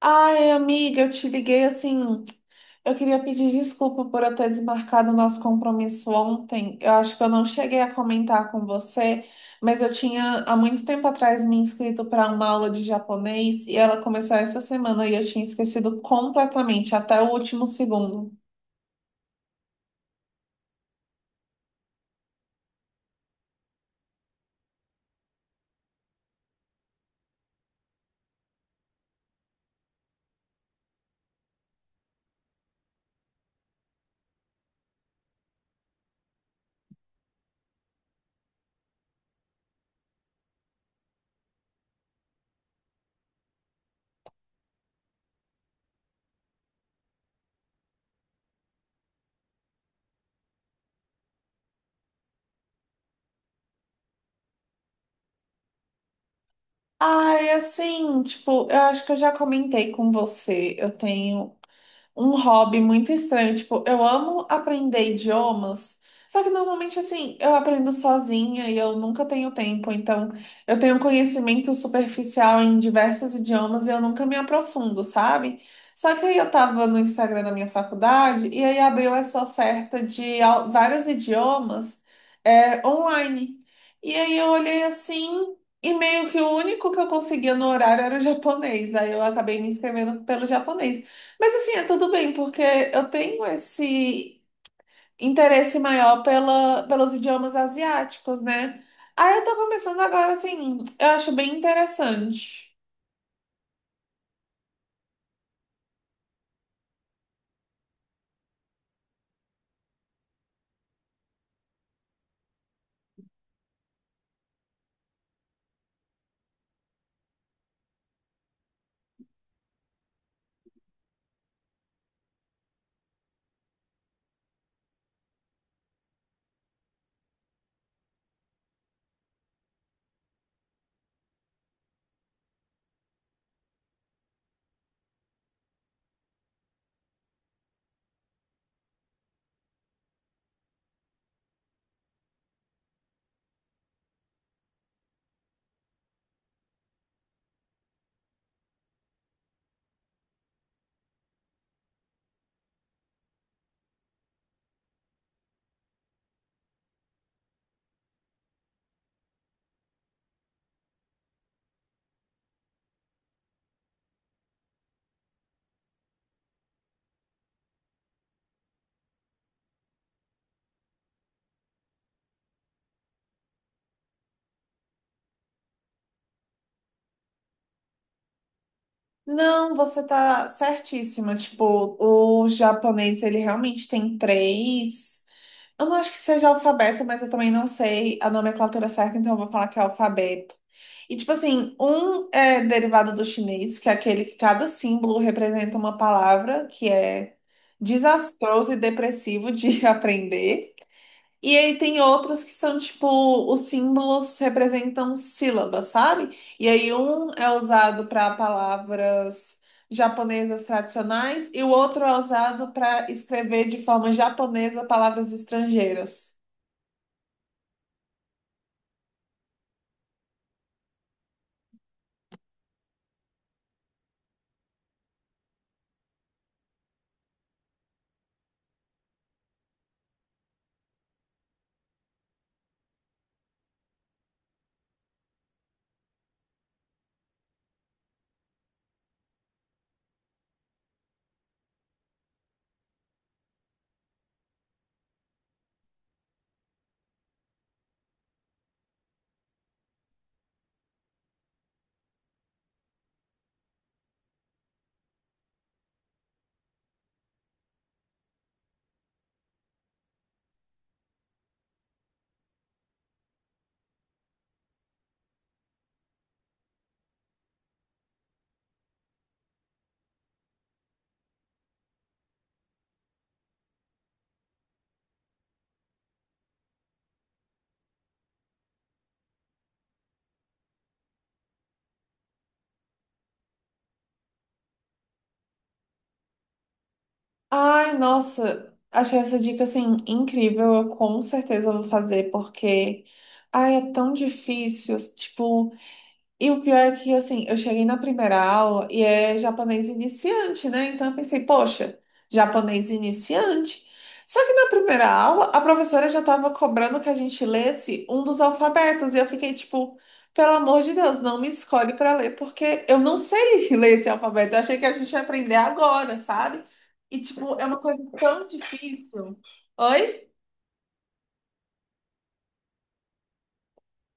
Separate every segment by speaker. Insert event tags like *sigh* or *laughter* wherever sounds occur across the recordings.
Speaker 1: Ai, amiga, eu te liguei assim. Eu queria pedir desculpa por eu ter desmarcado o nosso compromisso ontem. Eu acho que eu não cheguei a comentar com você, mas eu tinha há muito tempo atrás me inscrito para uma aula de japonês e ela começou essa semana e eu tinha esquecido completamente, até o último segundo. Ai, assim, tipo, eu acho que eu já comentei com você. Eu tenho um hobby muito estranho. Tipo, eu amo aprender idiomas, só que normalmente, assim, eu aprendo sozinha e eu nunca tenho tempo. Então, eu tenho conhecimento superficial em diversos idiomas e eu nunca me aprofundo, sabe? Só que aí eu tava no Instagram da minha faculdade e aí abriu essa oferta de vários idiomas, é, online. E aí eu olhei assim. E meio que o único que eu conseguia no horário era o japonês. Aí eu acabei me inscrevendo pelo japonês. Mas assim, é tudo bem, porque eu tenho esse interesse maior pelos idiomas asiáticos, né? Aí eu tô começando agora, assim, eu acho bem interessante. Não, você tá certíssima. Tipo, o japonês, ele realmente tem três. Eu não acho que seja alfabeto, mas eu também não sei a nomenclatura certa, então eu vou falar que é alfabeto. E, tipo assim, um é derivado do chinês, que é aquele que cada símbolo representa uma palavra, que é desastroso e depressivo de *laughs* aprender. E aí tem outros que são tipo, os símbolos representam sílabas, sabe? E aí um é usado para palavras japonesas tradicionais e o outro é usado para escrever de forma japonesa palavras estrangeiras. Ai, nossa, achei essa dica assim incrível. Eu com certeza vou fazer porque ai, é tão difícil, tipo. E o pior é que, assim, eu cheguei na primeira aula e é japonês iniciante, né? Então eu pensei, poxa, japonês iniciante. Só que na primeira aula, a professora já estava cobrando que a gente lesse um dos alfabetos. E eu fiquei tipo, pelo amor de Deus, não me escolhe para ler, porque eu não sei *laughs* ler esse alfabeto. Eu achei que a gente ia aprender agora, sabe? E, tipo, é uma coisa tão difícil. Oi?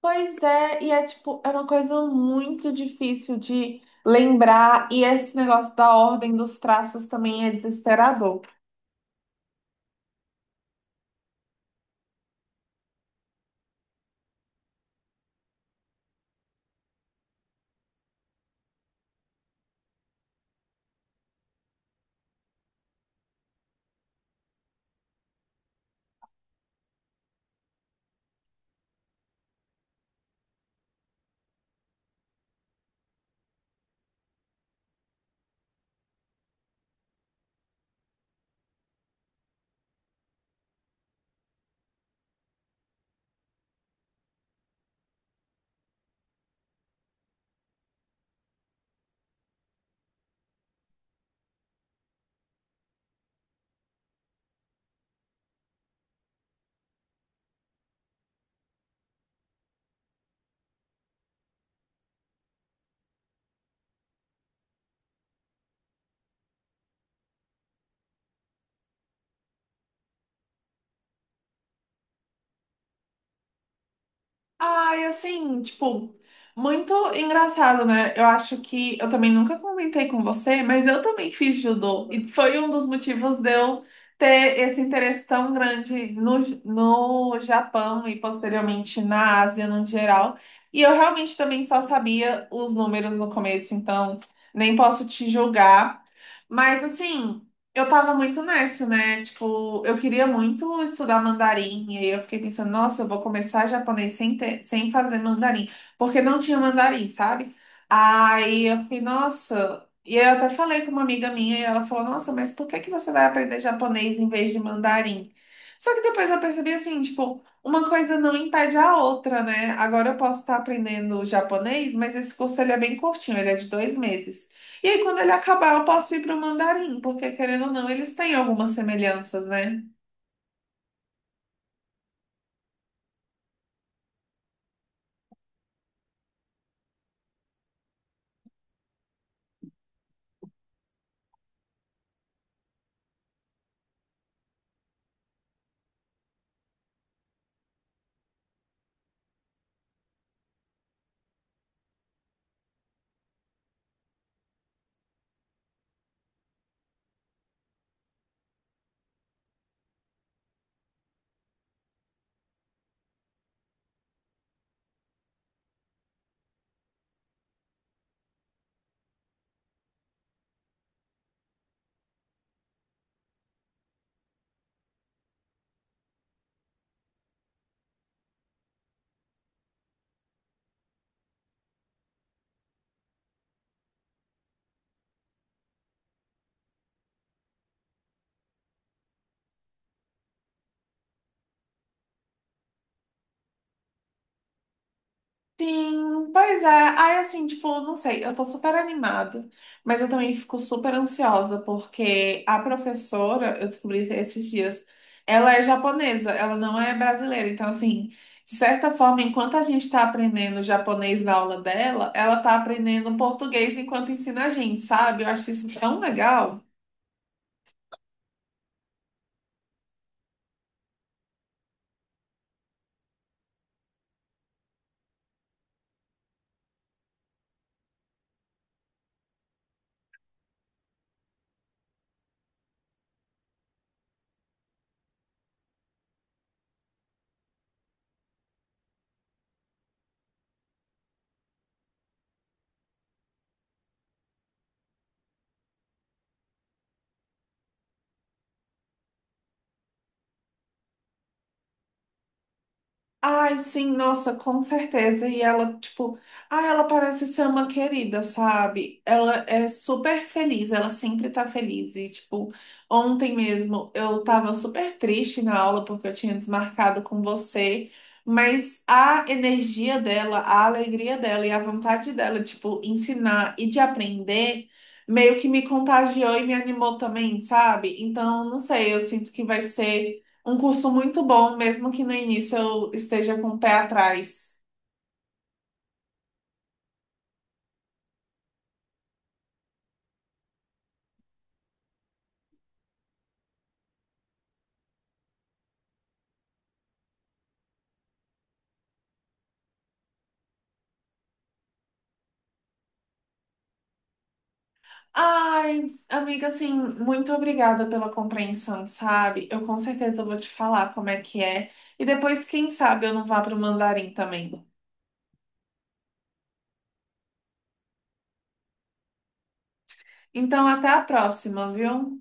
Speaker 1: Pois é, e é tipo, é uma coisa muito difícil de lembrar, e esse negócio da ordem dos traços também é desesperador. Ai, assim, tipo, muito engraçado, né? Eu acho que eu também nunca comentei com você, mas eu também fiz judô. E foi um dos motivos de eu ter esse interesse tão grande no Japão e posteriormente na Ásia no geral. E eu realmente também só sabia os números no começo, então nem posso te julgar. Mas assim. Eu tava muito nessa, né? Tipo, eu queria muito estudar mandarim, e aí eu fiquei pensando, nossa, eu vou começar japonês sem fazer mandarim, porque não tinha mandarim, sabe? Aí eu fiquei, nossa. E aí eu até falei com uma amiga minha, e ela falou, nossa, mas por que que você vai aprender japonês em vez de mandarim? Só que depois eu percebi assim, tipo, uma coisa não impede a outra, né? Agora eu posso estar aprendendo japonês, mas esse curso ele é bem curtinho, ele é de 2 meses. E aí, quando ele acabar, eu posso ir para o mandarim, porque querendo ou não, eles têm algumas semelhanças, né? Sim, pois é, aí assim, tipo, não sei, eu tô super animada, mas eu também fico super ansiosa, porque a professora, eu descobri esses dias, ela é japonesa, ela não é brasileira, então assim, de certa forma, enquanto a gente tá aprendendo japonês na aula dela, ela tá aprendendo português enquanto ensina a gente, sabe? Eu acho isso tão legal. Ai, sim, nossa, com certeza. E ela, tipo, ah, ela parece ser uma querida, sabe? Ela é super feliz, ela sempre tá feliz. E, tipo, ontem mesmo eu tava super triste na aula porque eu tinha desmarcado com você, mas a energia dela, a alegria dela e a vontade dela, tipo, ensinar e de aprender, meio que me contagiou e me animou também, sabe? Então, não sei, eu sinto que vai ser um curso muito bom, mesmo que no início eu esteja com o pé atrás. Ai, amiga, assim, muito obrigada pela compreensão, sabe? Eu com certeza vou te falar como é que é. E depois, quem sabe, eu não vá para o Mandarim também. Então, até a próxima, viu?